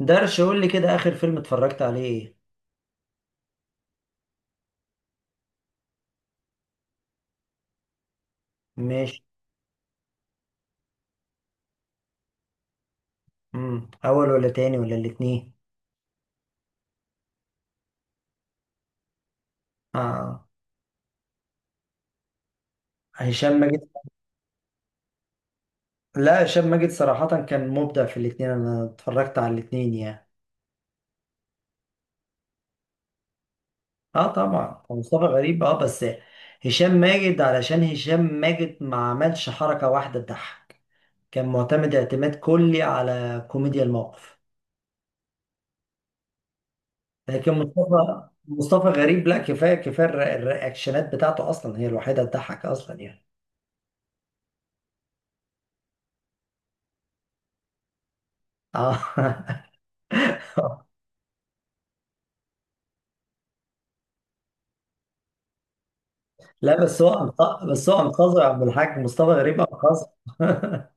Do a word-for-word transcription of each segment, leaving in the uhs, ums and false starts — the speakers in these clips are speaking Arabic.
درش قول لي كده اخر فيلم اتفرجت عليه ايه؟ ماشي. امم اول ولا تاني ولا الاتنين؟ اه. هشام ماجد. لا، هشام ماجد صراحة كان مبدع في الاتنين، انا اتفرجت على الاتنين يعني. اه طبعا مصطفى غريب اه بس هشام ماجد، علشان هشام ماجد ما عملش حركة واحدة تضحك. كان معتمد اعتماد كلي على كوميديا الموقف. لكن مصطفى مصطفى غريب، لا، كفاية كفاية الر- الرياكشنات بتاعته اصلا هي الوحيدة تضحك اصلا يعني. اه لا بس هو أنق- بس هو انقذه يا عبد الحاج، مصطفى غريب انقذه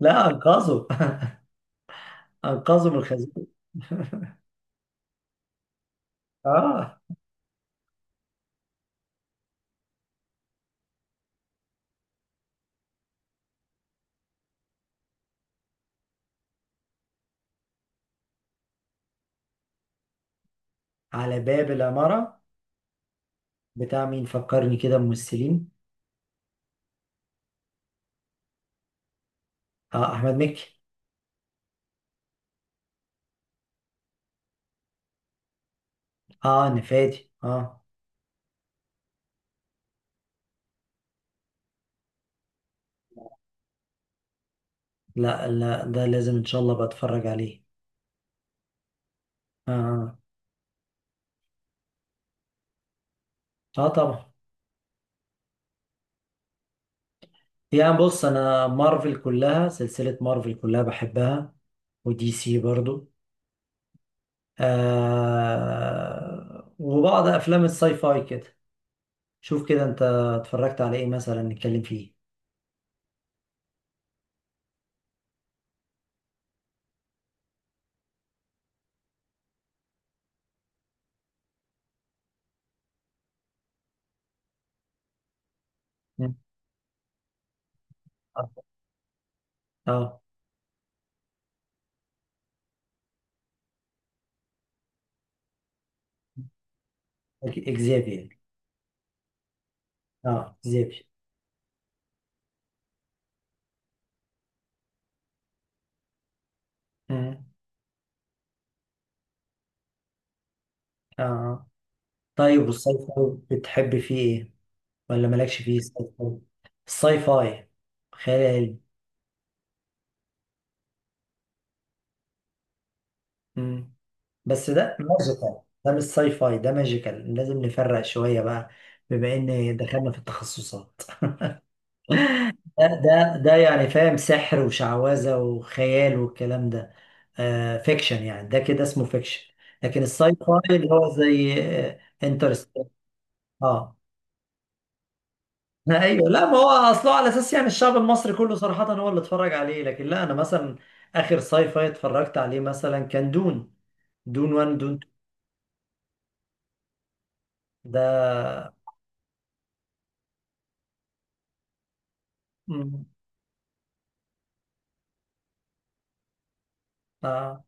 لا انقذه. انقذه من الخزينه. اه. على باب العماره، بتاع مين؟ فكرني كده ممثلين. اه، احمد مكي. اه، نفادي اه. لا لا، ده لازم ان شاء الله بتفرج عليه. اه. اه، آه، طبعا. يعني بص، انا مارفل كلها، سلسله مارفل كلها بحبها. ودي سي برضو. آه، وبعض افلام الساي فاي كده. شوف كده انت اتفرجت على ايه مثلا نتكلم فيه؟ مم. اه اكزافير. اه اكزافير. اه. آه. طيب، والساي فاي بتحب فيه ايه؟ ولا مالكش فيه الساي فاي؟ الساي فاي، خيال علمي. مم. بس ده ماجيكال، ده مش ساي فاي، ده ماجيكال، لازم نفرق شوية بقى. بما ان دخلنا في التخصصات. ده ده ده يعني فاهم، سحر وشعوذة وخيال والكلام ده. آه، فيكشن، يعني ده كده اسمه فيكشن. لكن الساي فاي اللي هو زي انترستيلر اه. Interstellar. آه. ايوه، لا ما هو اصله على اساس يعني الشعب المصري كله صراحة هو اللي اتفرج عليه، لكن لا انا مثلا اخر ساي فاي اتفرجت عليه مثلا كان دون. دون واحد، دون اتنين ده. مم. اه.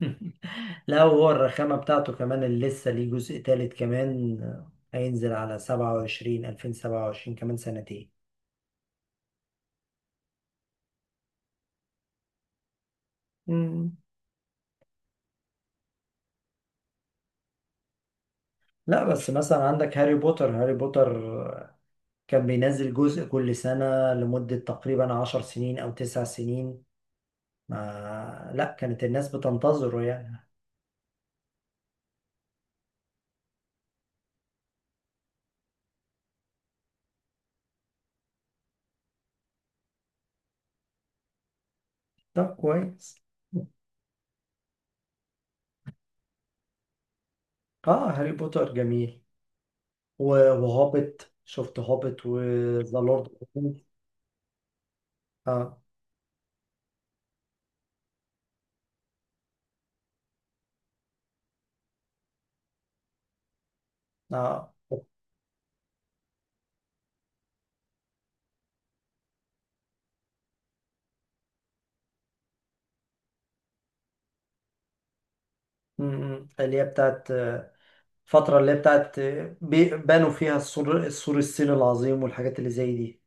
لا، هو الرخامة بتاعته كمان اللي لسه ليه جزء تالت كمان، آه، هينزل على سبعة وعشرين، ألفين سبعة وعشرين، كمان سنتين. مم. لا، بس مثلا عندك هاري بوتر، هاري بوتر، آه، كان بينزل جزء كل سنة لمدة تقريبا عشر سنين أو تسع سنين. ما لا، كانت الناس بتنتظره يعني. طب كويس. اه، هاري بوتر جميل. و- وهوبت، شفت هوبت وذا لورد؟ اه. اه م- م. اللي هي بتاعت الفترة اللي هي بتاعت، بي- بنوا فيها السور السور الصيني العظيم والحاجات اللي زي دي.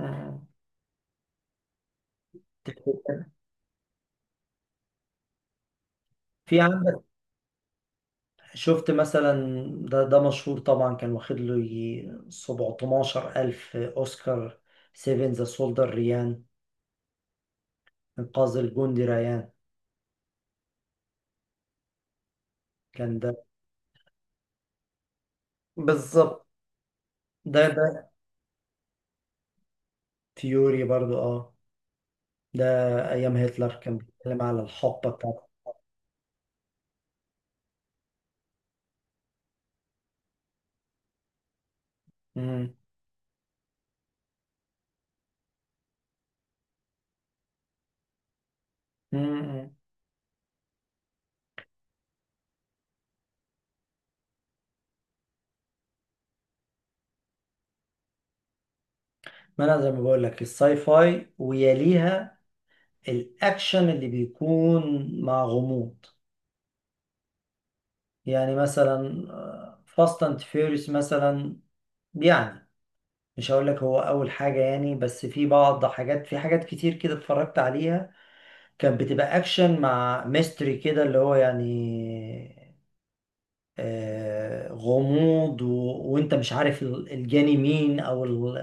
آه. في عندك، شفت مثلا، ده ده مشهور طبعا، كان واخد له يجي سبعة عشر ألف أوسكار، سيفن ذا سولدر ريان، إنقاذ الجندي ريان، كان ده. بالظبط. ده ده فيوري برضو اه. ده أيام هتلر، كان بيتكلم على الحقبة بتاعته. مم. مم. ما أنا زي ما بقول لك الساي فاي، ويليها الاكشن اللي بيكون مع غموض، يعني مثلا فاست اند فيوريوس مثلا يعني. مش هقول لك هو اول حاجه يعني، بس في بعض حاجات، في حاجات كتير كده اتفرجت عليها، كانت بتبقى اكشن مع ميستري كده اللي هو يعني، آه، غموض، و... وانت مش عارف ال- الجاني مين، او ال...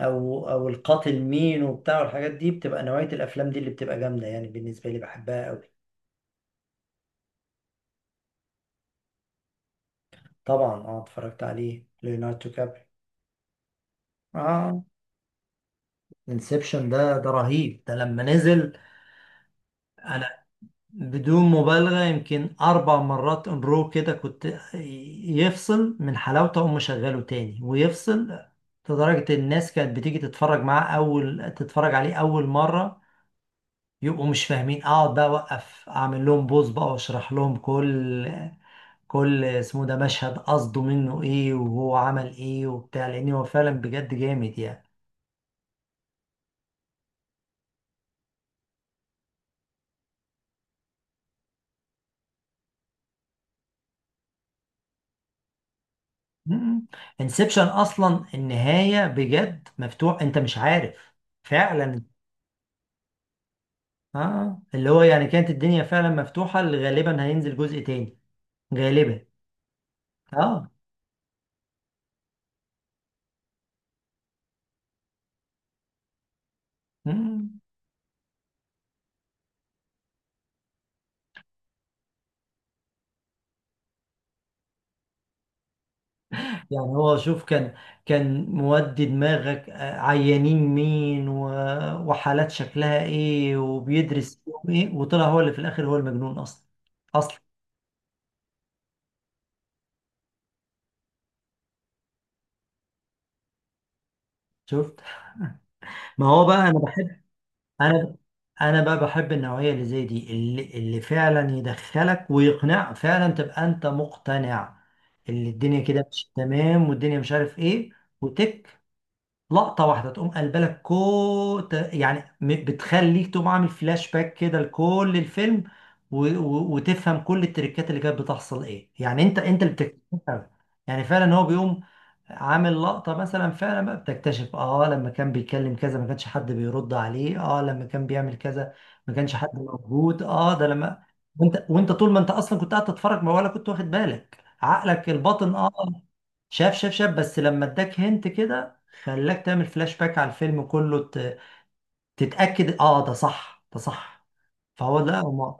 او او القاتل مين وبتاع، والحاجات دي بتبقى نوعيه الافلام دي اللي بتبقى جامده يعني، بالنسبه لي بحبها قوي. طبعا، اه، اتفرجت عليه، ليوناردو كابري. اه. انسبشن ده ده رهيب، ده لما نزل انا، بدون مبالغة، يمكن اربع مرات ان رو كده، كنت يفصل من حلاوته اقوم مشغله تاني ويفصل. لدرجة الناس كانت بتيجي تتفرج معاه، اول تتفرج عليه اول مرة يبقوا مش فاهمين، اقعد بقى اوقف اعمل لهم بوز بقى واشرح لهم كل كل اسمه ده مشهد قصده منه ايه وهو عمل ايه وبتاع، لان هو فعلا بجد جامد يعني. انسبشن اصلا النهايه بجد مفتوح، انت مش عارف فعلا. اه، اللي هو يعني كانت الدنيا فعلا مفتوحه، اللي غالبا هينزل جزء تاني، غالبا. اه. مم. يعني هو شوف، كان كان مودي دماغك، آه، عيانين مين، و... وحالات شكلها ايه وبيدرس فيهم ايه، وطلع هو اللي في الاخر هو المجنون اصلا، اصلا. شفت؟ ما هو بقى انا، انا انا بقى بحب النوعيه اللي زي دي، اللي, اللي فعلا يدخلك ويقنع، فعلا تبقى انت مقتنع، اللي الدنيا كده مش تمام والدنيا مش عارف ايه. وتك، لقطة واحدة تقوم قلبة لك، كو ت- يعني م- بتخليك تقوم عامل فلاش باك كده لكل الفيلم، و... و... وتفهم كل التريكات اللي كانت بتحصل ايه، يعني انت انت اللي بتكتشفها. يعني فعلا هو بيقوم عامل لقطة مثلا، فعلا بقى بتكتشف اه لما كان بيتكلم كذا ما كانش حد بيرد عليه، اه لما كان بيعمل كذا ما كانش حد موجود، اه ده لما. وانت وانت طول ما انت اصلا كنت قاعد تتفرج، ما ولا كنت واخد بالك، عقلك الباطن اه شاف شاف شاف، بس لما اداك هنت كده خلاك تعمل فلاش باك على الفيلم كله، ت- تتأكد اه ده صح، ده صح. فهو لا ما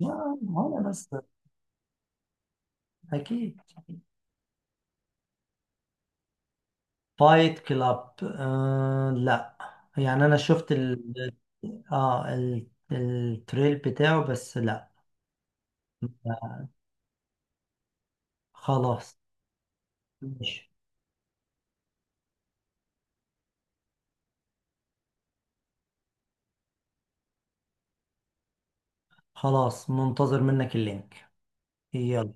لا، ما انا بس، اكيد. فايت كلاب آه لا، يعني انا شفت ال... اه، ال... التريل بتاعه بس لا. خلاص. ماشي. خلاص، منتظر منك اللينك. يلا.